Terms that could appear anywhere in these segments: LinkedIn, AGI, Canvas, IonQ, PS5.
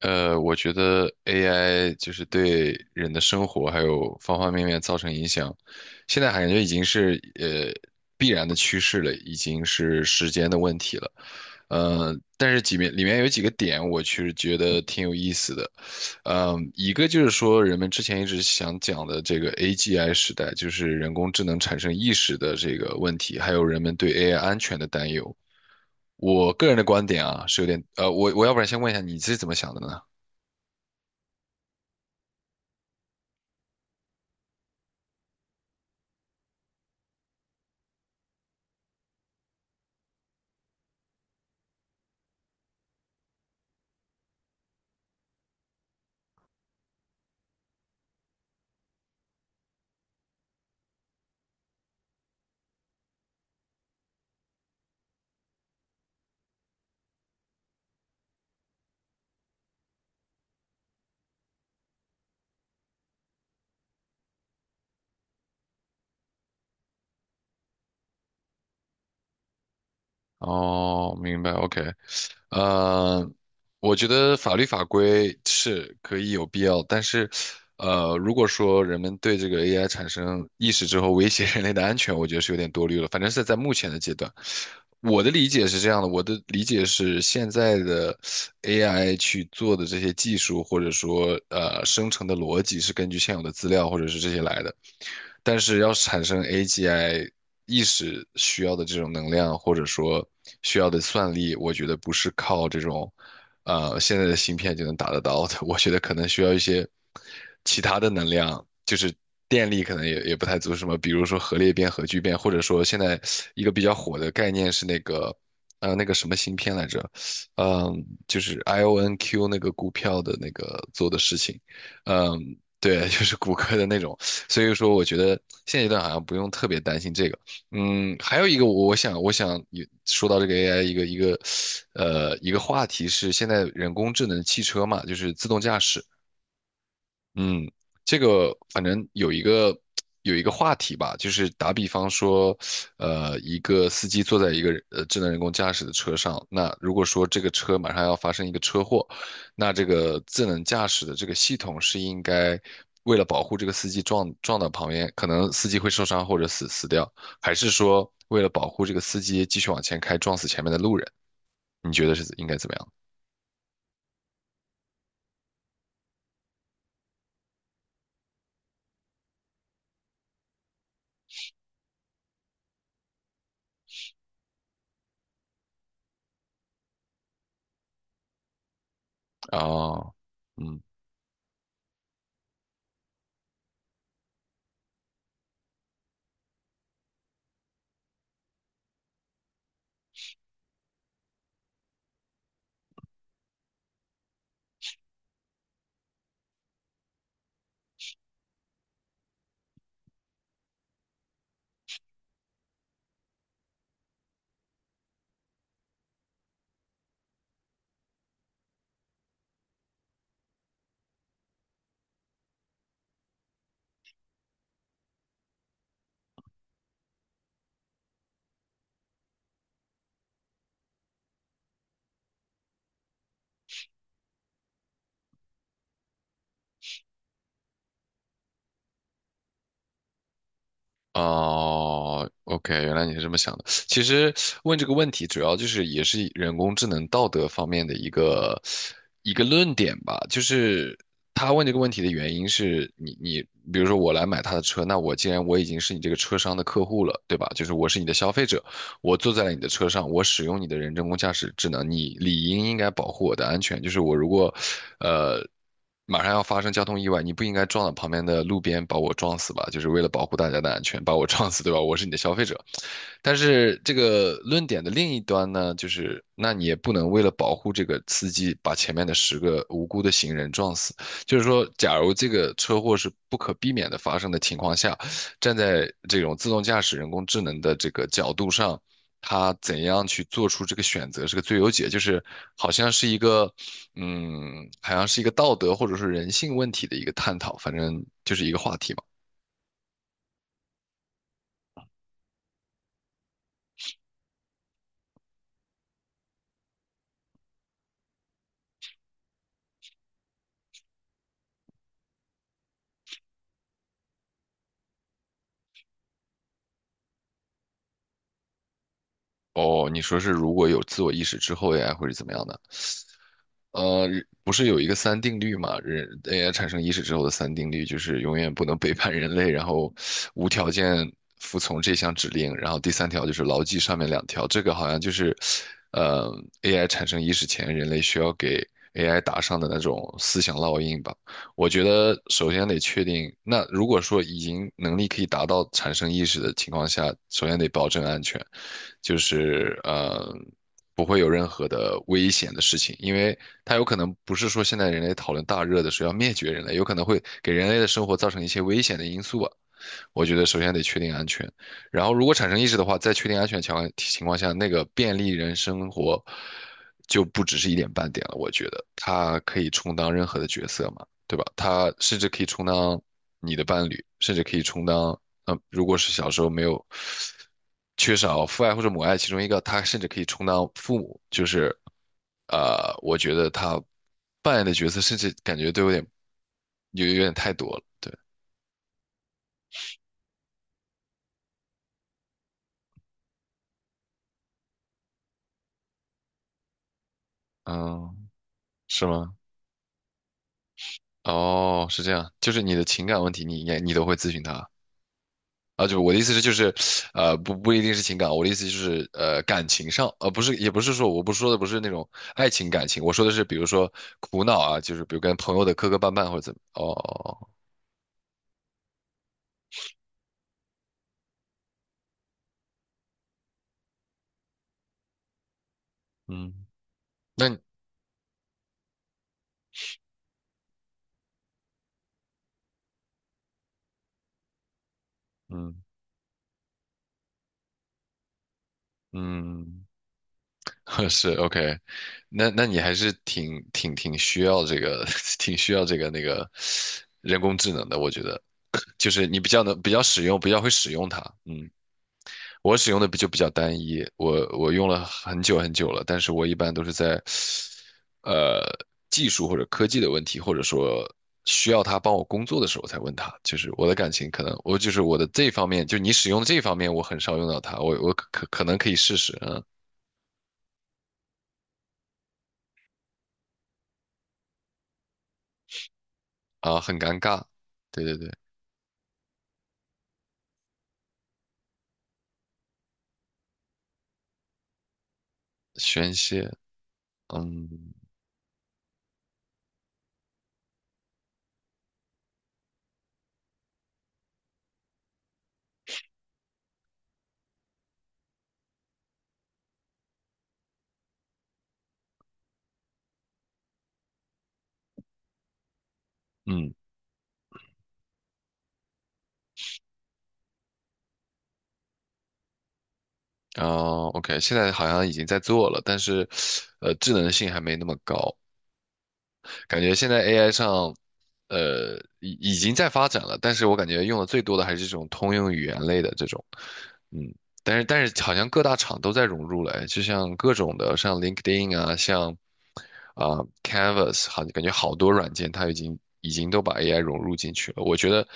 我觉得 AI 就是对人的生活还有方方面面造成影响，现在感觉已经是必然的趋势了，已经是时间的问题了。但是几面里面有几个点，我其实觉得挺有意思的。一个就是说人们之前一直想讲的这个 AGI 时代，就是人工智能产生意识的这个问题，还有人们对 AI 安全的担忧。我个人的观点啊，是有点我要不然先问一下你是怎么想的呢？哦，明白，OK。呃，我觉得法律法规是可以有必要，但是，如果说人们对这个 AI 产生意识之后威胁人类的安全，我觉得是有点多虑了。反正是在目前的阶段，我的理解是这样的，我的理解是现在的 AI 去做的这些技术，或者说生成的逻辑是根据现有的资料或者是这些来的。但是要产生 AGI 意识需要的这种能量，或者说需要的算力，我觉得不是靠这种现在的芯片就能达得到的。我觉得可能需要一些其他的能量，就是电力可能也不太足，什么比如说核裂变、核聚变，或者说现在一个比较火的概念是那个。那个什么芯片来着？就是 IONQ 那个股票的那个做的事情。嗯，对。就是谷歌的那种。所以说，我觉得现阶段好像不用特别担心这个。嗯，还有一个我，我想，我想也说到这个 AI 一个话题是现在人工智能汽车嘛，就是自动驾驶。嗯，这个反正有一个话题吧，就是打比方说，一个司机坐在一个智能人工驾驶的车上，那如果说这个车马上要发生一个车祸，那这个智能驾驶的这个系统是应该为了保护这个司机撞到旁边，可能司机会受伤或者死掉，还是说为了保护这个司机继续往前开撞死前面的路人？你觉得是应该怎么样？哦。嗯哦，OK，原来你是这么想的。其实问这个问题，主要就是也是人工智能道德方面的一个论点吧。就是他问这个问题的原因是你，比如说我来买他的车，那我既然我已经是你这个车商的客户了，对吧？就是我是你的消费者，我坐在了你的车上，我使用你的人工驾驶智能，你理应应该保护我的安全。就是我如果呃。马上要发生交通意外，你不应该撞到旁边的路边把我撞死吧？就是为了保护大家的安全，把我撞死，对吧？我是你的消费者。但是这个论点的另一端呢，就是那你也不能为了保护这个司机，把前面的10个无辜的行人撞死。就是说，假如这个车祸是不可避免的发生的情况下，站在这种自动驾驶、人工智能的这个角度上，它怎样去做出这个选择是个最优解，就是好像是一个嗯，好像是一个道德或者是人性问题的一个探讨，反正就是一个话题嘛。哦，你说是如果有自我意识之后呀，或者怎么样的？呃，不是有一个三定律嘛？人 AI 产生意识之后的三定律就是永远不能背叛人类，然后无条件服从这项指令，然后第三条就是牢记上面两条。这个好像就是，呃，AI 产生意识前，人类需要给 AI 打上的那种思想烙印吧。我觉得首先得确定，那如果说已经能力可以达到产生意识的情况下，首先得保证安全，就是不会有任何的危险的事情，因为它有可能不是说现在人类讨论大热的时候要灭绝人类，有可能会给人类的生活造成一些危险的因素啊。我觉得首先得确定安全，然后如果产生意识的话，在确定安全情况下，那个便利人生活就不只是一点半点了。我觉得他可以充当任何的角色嘛，对吧？他甚至可以充当你的伴侣，甚至可以充当，如果是小时候没有缺少父爱或者母爱其中一个，他甚至可以充当父母，就是，我觉得他扮演的角色甚至感觉都有点，有点太多了。对。嗯，是吗？哦，是这样，就是你的情感问题你，应该你都会咨询他啊？就我的意思是，就是，不一定是情感，我的意思就是，感情上，不是，也不是说，我不说的不是那种爱情感情，我说的是，比如说苦恼啊，就是比如跟朋友的磕磕绊绊或者怎么。哦，哦哦，嗯。那你嗯嗯。是， OK。那你还是挺需要这个，挺需要这个那个人工智能的，我觉得，就是你比较使用，比较会使用它。嗯。我使用的比较单一，我用了很久很久了，但是我一般都是在，呃，技术或者科技的问题，或者说需要他帮我工作的时候才问他。就是我的感情可能我就是我的这方面，就你使用的这方面，我很少用到它，我可能可以试试。嗯。啊，很尴尬，对对对。宣泄。嗯嗯。哦，OK，现在好像已经在做了，但是，智能性还没那么高，感觉现在 AI 上，已经在发展了，但是我感觉用的最多的还是这种通用语言类的这种。嗯，但是好像各大厂都在融入了，哎就像各种的，像 LinkedIn 啊，像Canvas，好，感觉好多软件它已经都把 AI 融入进去了。我觉得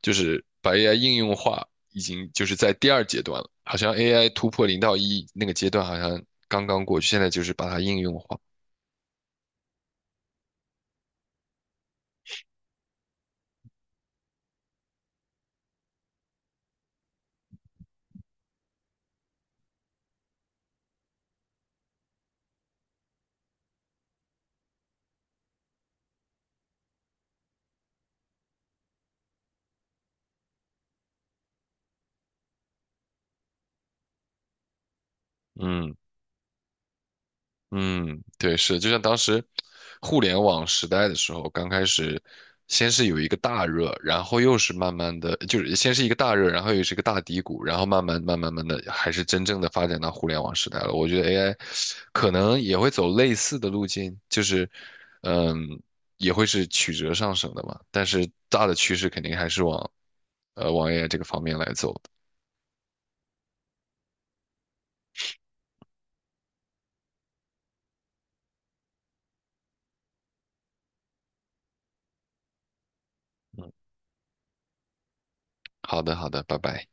就是把 AI 应用化，已经就是在第二阶段了，好像 AI 突破零到一那个阶段好像刚刚过去，现在就是把它应用化。嗯。嗯，对，是，就像当时互联网时代的时候，刚开始先是有一个大热，然后又是慢慢的，就是先是一个大热，然后又是一个大低谷，然后慢慢慢慢慢的，还是真正的发展到互联网时代了。我觉得 AI 可能也会走类似的路径，就是嗯，也会是曲折上升的嘛，但是大的趋势肯定还是往 AI 这个方面来走的。好的，好的，拜拜。